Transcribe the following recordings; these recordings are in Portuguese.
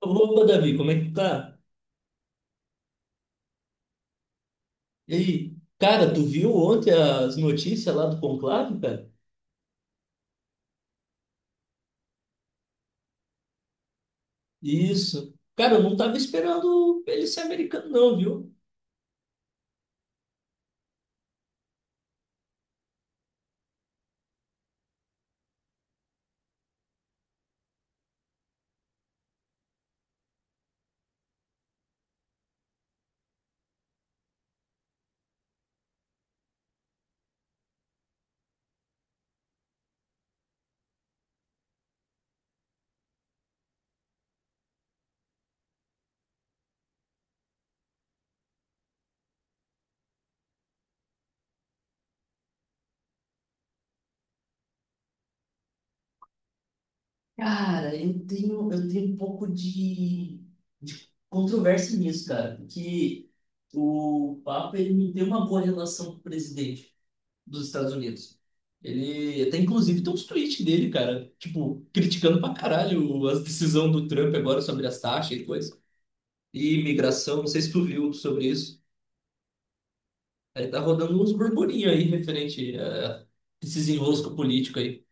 Opa, Davi, como é que tá? E aí? Cara, tu viu ontem as notícias lá do Conclave, cara? Isso. Cara, eu não tava esperando ele ser americano, não, viu? Cara, eu tenho um pouco de controvérsia nisso, cara, porque o Papa ele não tem uma boa relação com o presidente dos Estados Unidos. Ele até inclusive tem uns tweets dele, cara, tipo, criticando pra caralho as decisões do Trump agora sobre as taxas e coisa e imigração, não sei se tu viu sobre isso. Aí tá rodando uns burburinhos aí referente a esses enroscos políticos aí.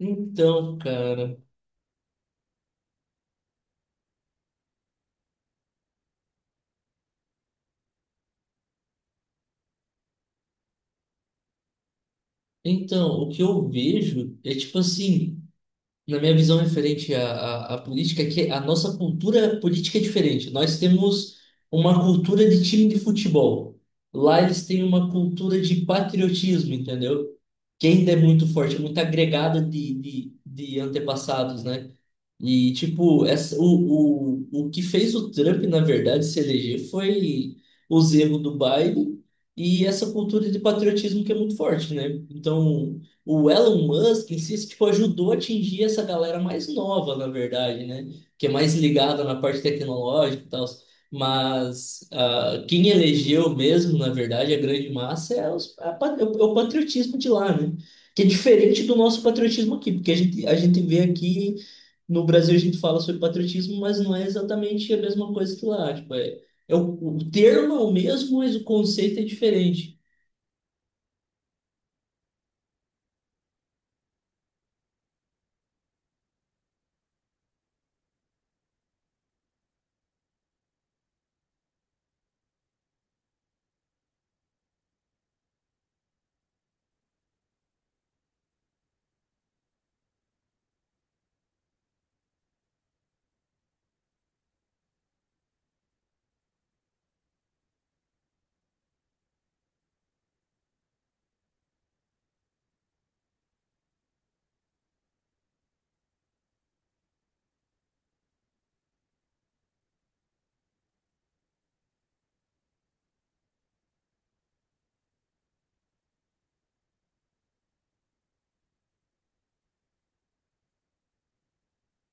Então, cara, o que eu vejo é tipo assim, na minha visão referente à política, é que a nossa cultura política é diferente. Nós temos uma cultura de time de futebol. Lá eles têm uma cultura de patriotismo, entendeu? Que ainda é muito forte, é muito agregada de antepassados, né? E, tipo, o que fez o Trump, na verdade, se eleger foi os erros do Biden e essa cultura de patriotismo que é muito forte, né? Então, o Elon Musk em si, tipo, ajudou a atingir essa galera mais nova, na verdade, né? Que é mais ligada na parte tecnológica e tal. Mas quem elegeu mesmo, na verdade, a grande massa é, os, a pa- é o é o patriotismo de lá, né? Que é diferente do nosso patriotismo aqui, porque a gente vê aqui no Brasil a gente fala sobre patriotismo, mas não é exatamente a mesma coisa que lá. Tipo, o termo é o mesmo, mas o conceito é diferente.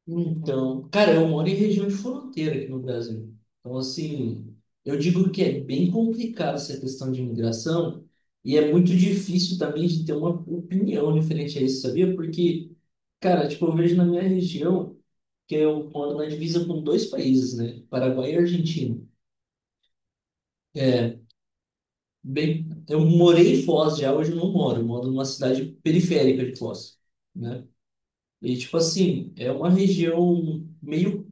Então, cara, eu moro em região de fronteira aqui no Brasil. Então, assim, eu digo que é bem complicado essa questão de imigração e é muito difícil também de ter uma opinião diferente a isso, sabia? Porque, cara, tipo, eu vejo na minha região que eu moro na divisa com dois países, né? Paraguai e Argentina. É, bem, eu morei em Foz já, hoje eu não moro, eu moro numa cidade periférica de Foz, né? E tipo assim, é uma região meio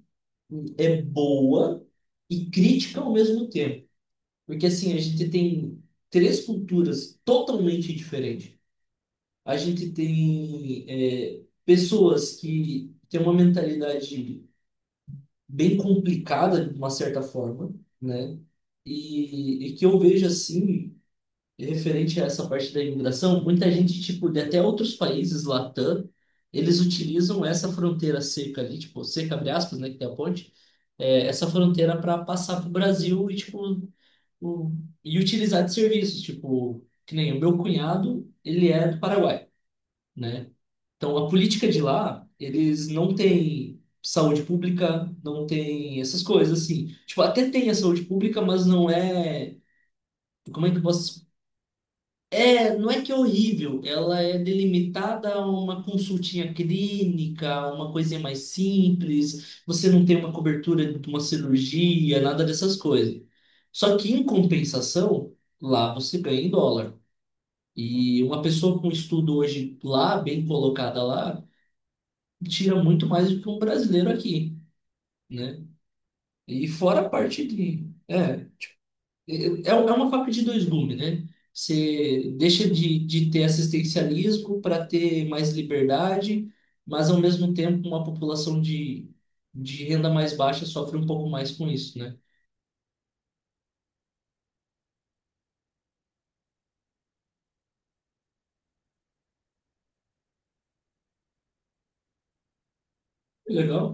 é boa e crítica ao mesmo tempo, porque assim, a gente tem três culturas totalmente diferentes. A gente tem pessoas que têm uma mentalidade bem complicada de uma certa forma, né? E que eu vejo assim. E referente a essa parte da imigração, muita gente, tipo, de até outros países, Latam, eles utilizam essa fronteira seca ali, tipo, seca, abre aspas, né, que tem a ponte, essa fronteira para passar para o Brasil e, tipo, o, e utilizar de serviços, tipo, que nem o meu cunhado, ele é do Paraguai, né? Então, a política de lá, eles não têm saúde pública, não tem essas coisas, assim. Tipo, até tem a saúde pública, mas não é... Como é que eu posso... Não é que é horrível, ela é delimitada a uma consultinha clínica, a uma coisinha mais simples, você não tem uma cobertura de uma cirurgia, nada dessas coisas. Só que em compensação, lá você ganha em dólar. E uma pessoa com estudo hoje lá, bem colocada lá, tira muito mais do que um brasileiro aqui, né? E fora a parte de... É. É é uma faca de dois gumes, né? Você deixa de ter assistencialismo para ter mais liberdade, mas ao mesmo tempo uma população de renda mais baixa sofre um pouco mais com isso, né? É legal?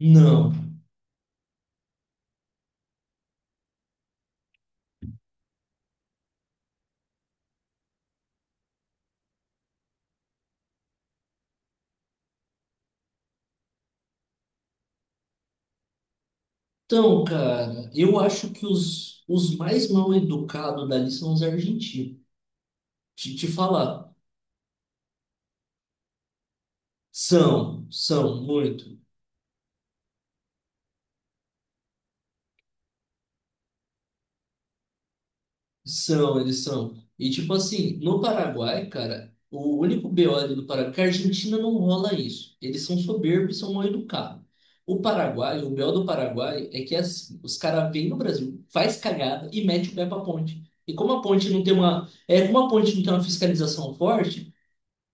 Não. Então, cara, eu acho que os mais mal educados dali são os argentinos. Te falar. São, são, muito. São, eles são. E tipo assim, no Paraguai, cara, o único BO ali do Paraguai, que a Argentina não rola isso. Eles são soberbos, e são mal educados. O Paraguai, o BO do Paraguai é que é assim, os caras vêm no Brasil, faz cagada e mete o pé pra ponte. E como a ponte não tem uma, é, como a ponte não tem uma fiscalização forte,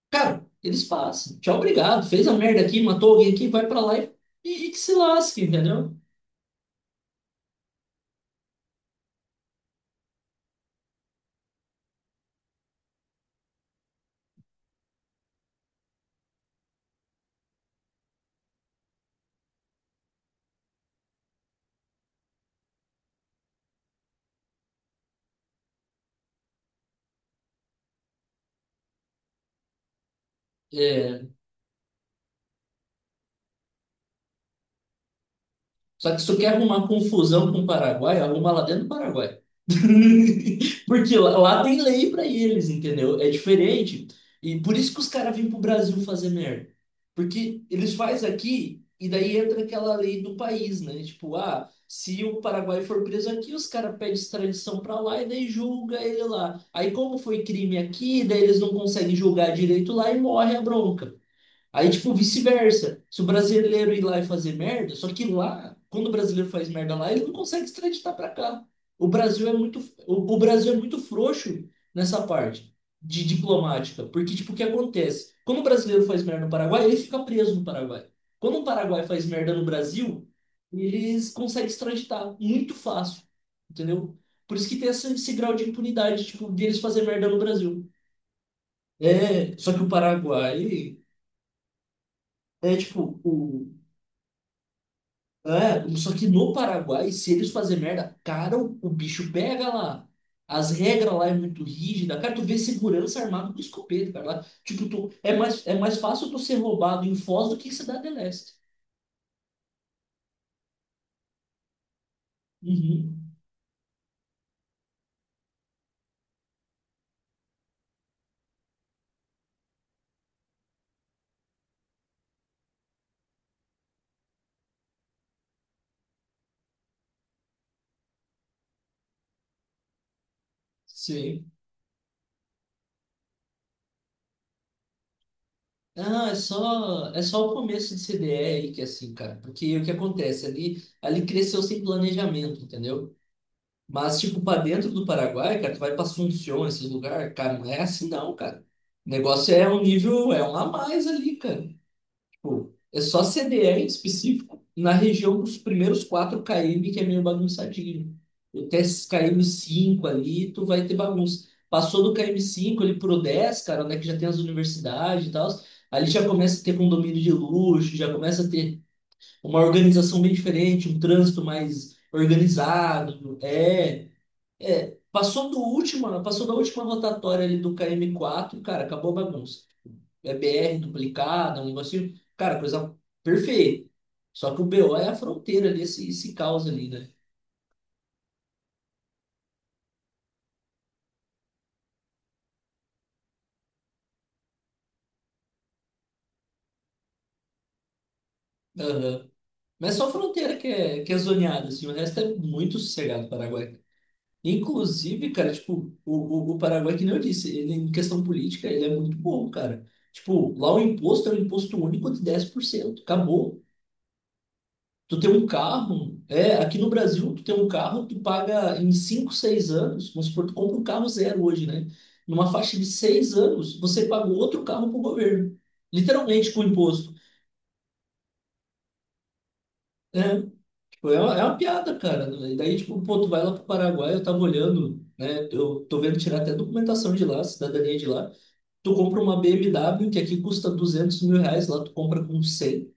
cara, eles passam. Tchau, obrigado. Fez a merda aqui, matou alguém aqui, vai pra lá e que se lasque, entendeu? É, só que se tu quer arrumar confusão com o Paraguai, arruma lá dentro do Paraguai. Porque lá tem lei para eles, entendeu? É diferente. E por isso que os caras vêm pro Brasil fazer merda. Porque eles fazem aqui e daí entra aquela lei do país, né? Tipo, se o Paraguai for preso aqui, os caras pedem extradição para lá e daí julga ele lá. Aí como foi crime aqui, daí eles não conseguem julgar direito lá e morre a bronca. Aí, tipo, vice-versa. Se o brasileiro ir lá e fazer merda, só que lá, quando o brasileiro faz merda lá, ele não consegue extraditar para cá. O Brasil é muito, o Brasil é muito frouxo nessa parte de diplomática, porque, tipo, o que acontece? Quando o brasileiro faz merda no Paraguai, ele fica preso no Paraguai. Quando o Paraguai faz merda no Brasil, eles conseguem extraditar muito fácil, entendeu? Por isso que tem esse grau de impunidade, tipo, deles fazer merda no Brasil. É, só que o Paraguai é tipo, o, É, só que no Paraguai, se eles fazerem merda, cara, o bicho pega lá. As regras lá é muito rígida. Cara, tu vê segurança armado com escopeta, cara. Lá, tipo, é mais fácil tu ser roubado em Foz do que em Cidade Leste. Uhum. Sim. Ah, é só o começo de CDE aí que é assim, cara. Porque o que acontece? Ali cresceu sem planejamento, entendeu? Mas, tipo, pra dentro do Paraguai, cara, tu vai pra Assunción, esses lugares, cara, não é assim não, cara. O negócio é um nível, é um a mais ali, cara. Tipo, é só CDE em específico na região dos primeiros 4 km, que é meio bagunçadinho. Até esses km 5 ali, tu vai ter bagunça. Passou do km 5 ali pro 10, cara, onde é que já tem as universidades e tal, ali já começa a ter condomínio de luxo, já começa a ter uma organização bem diferente, um trânsito mais organizado. É, passou da última rotatória ali do km quatro cara, acabou a bagunça. É BR duplicada, um negocinho, cara, coisa perfeita. Só que o BO é a fronteira ali, esse caos ali, né? Aham. Mas só a fronteira que é zoneada, assim, o resto é muito sossegado o Paraguai. Inclusive, cara, tipo, o Paraguai, que nem eu disse, ele em questão política, ele é muito bom, cara. Tipo, lá o imposto é um imposto único de 10%. Acabou. Tu tem um carro, aqui no Brasil, tu tem um carro, tu paga em 5 6 anos, vamos supor, tu compra um carro zero hoje, né? Numa faixa de 6 anos, você paga outro carro pro governo. Literalmente com imposto. É, tipo, é uma piada, cara. E daí, tipo, pô, tu vai lá pro Paraguai, eu tava olhando, né? Eu tô vendo tirar até documentação de lá, cidadania de lá. Tu compra uma BMW que aqui custa R$ 200.000, lá tu compra com 100.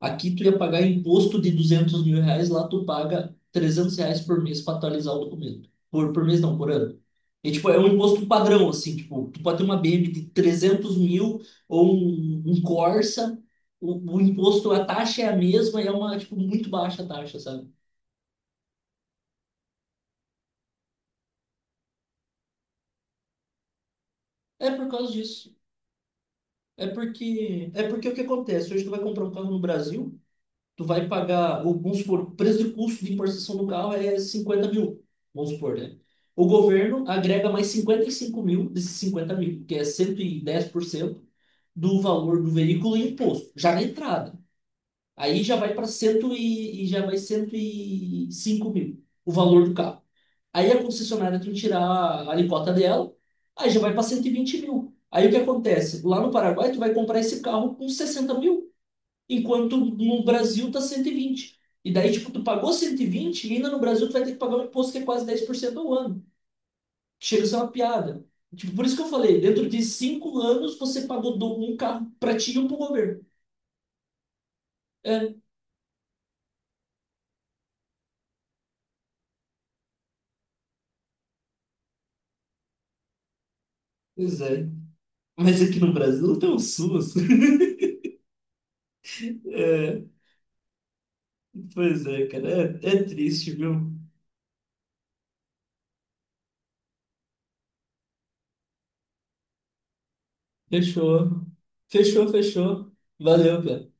Aqui tu ia pagar imposto de R$ 200.000, lá tu paga R$ 300 por mês para atualizar o documento. Por mês não, por ano. E, tipo, é um imposto padrão, assim, tipo, tu pode ter uma BM de 300 mil ou um Corsa, o imposto, a taxa é a mesma e é uma, tipo, muito baixa a taxa, sabe? É por causa disso. É porque o que acontece? Hoje tu vai comprar um carro no Brasil, tu vai pagar, vamos supor, o preço de custo de importação do carro é 50 mil, vamos supor, né? O governo agrega mais 55 mil desses 50 mil, que é 110% do valor do veículo e imposto, já na entrada. Aí já vai para cento e já vai 105 mil o valor do carro. Aí a concessionária tem que tirar a alíquota dela, aí já vai para 120 mil. Aí o que acontece? Lá no Paraguai, tu vai comprar esse carro com 60 mil enquanto no Brasil tá 120 e daí, tipo, tu pagou 120 e ainda no Brasil tu vai ter que pagar um imposto que é quase 10% ao ano, que chega a ser uma piada. Tipo, por isso que eu falei, dentro de 5 anos você pagou um carro pra ti e um pro governo. É, pois é. Mas aqui no Brasil não tem um SUS. É, pois é, cara. É triste, viu? Fechou. Fechou, fechou. Valeu, cara.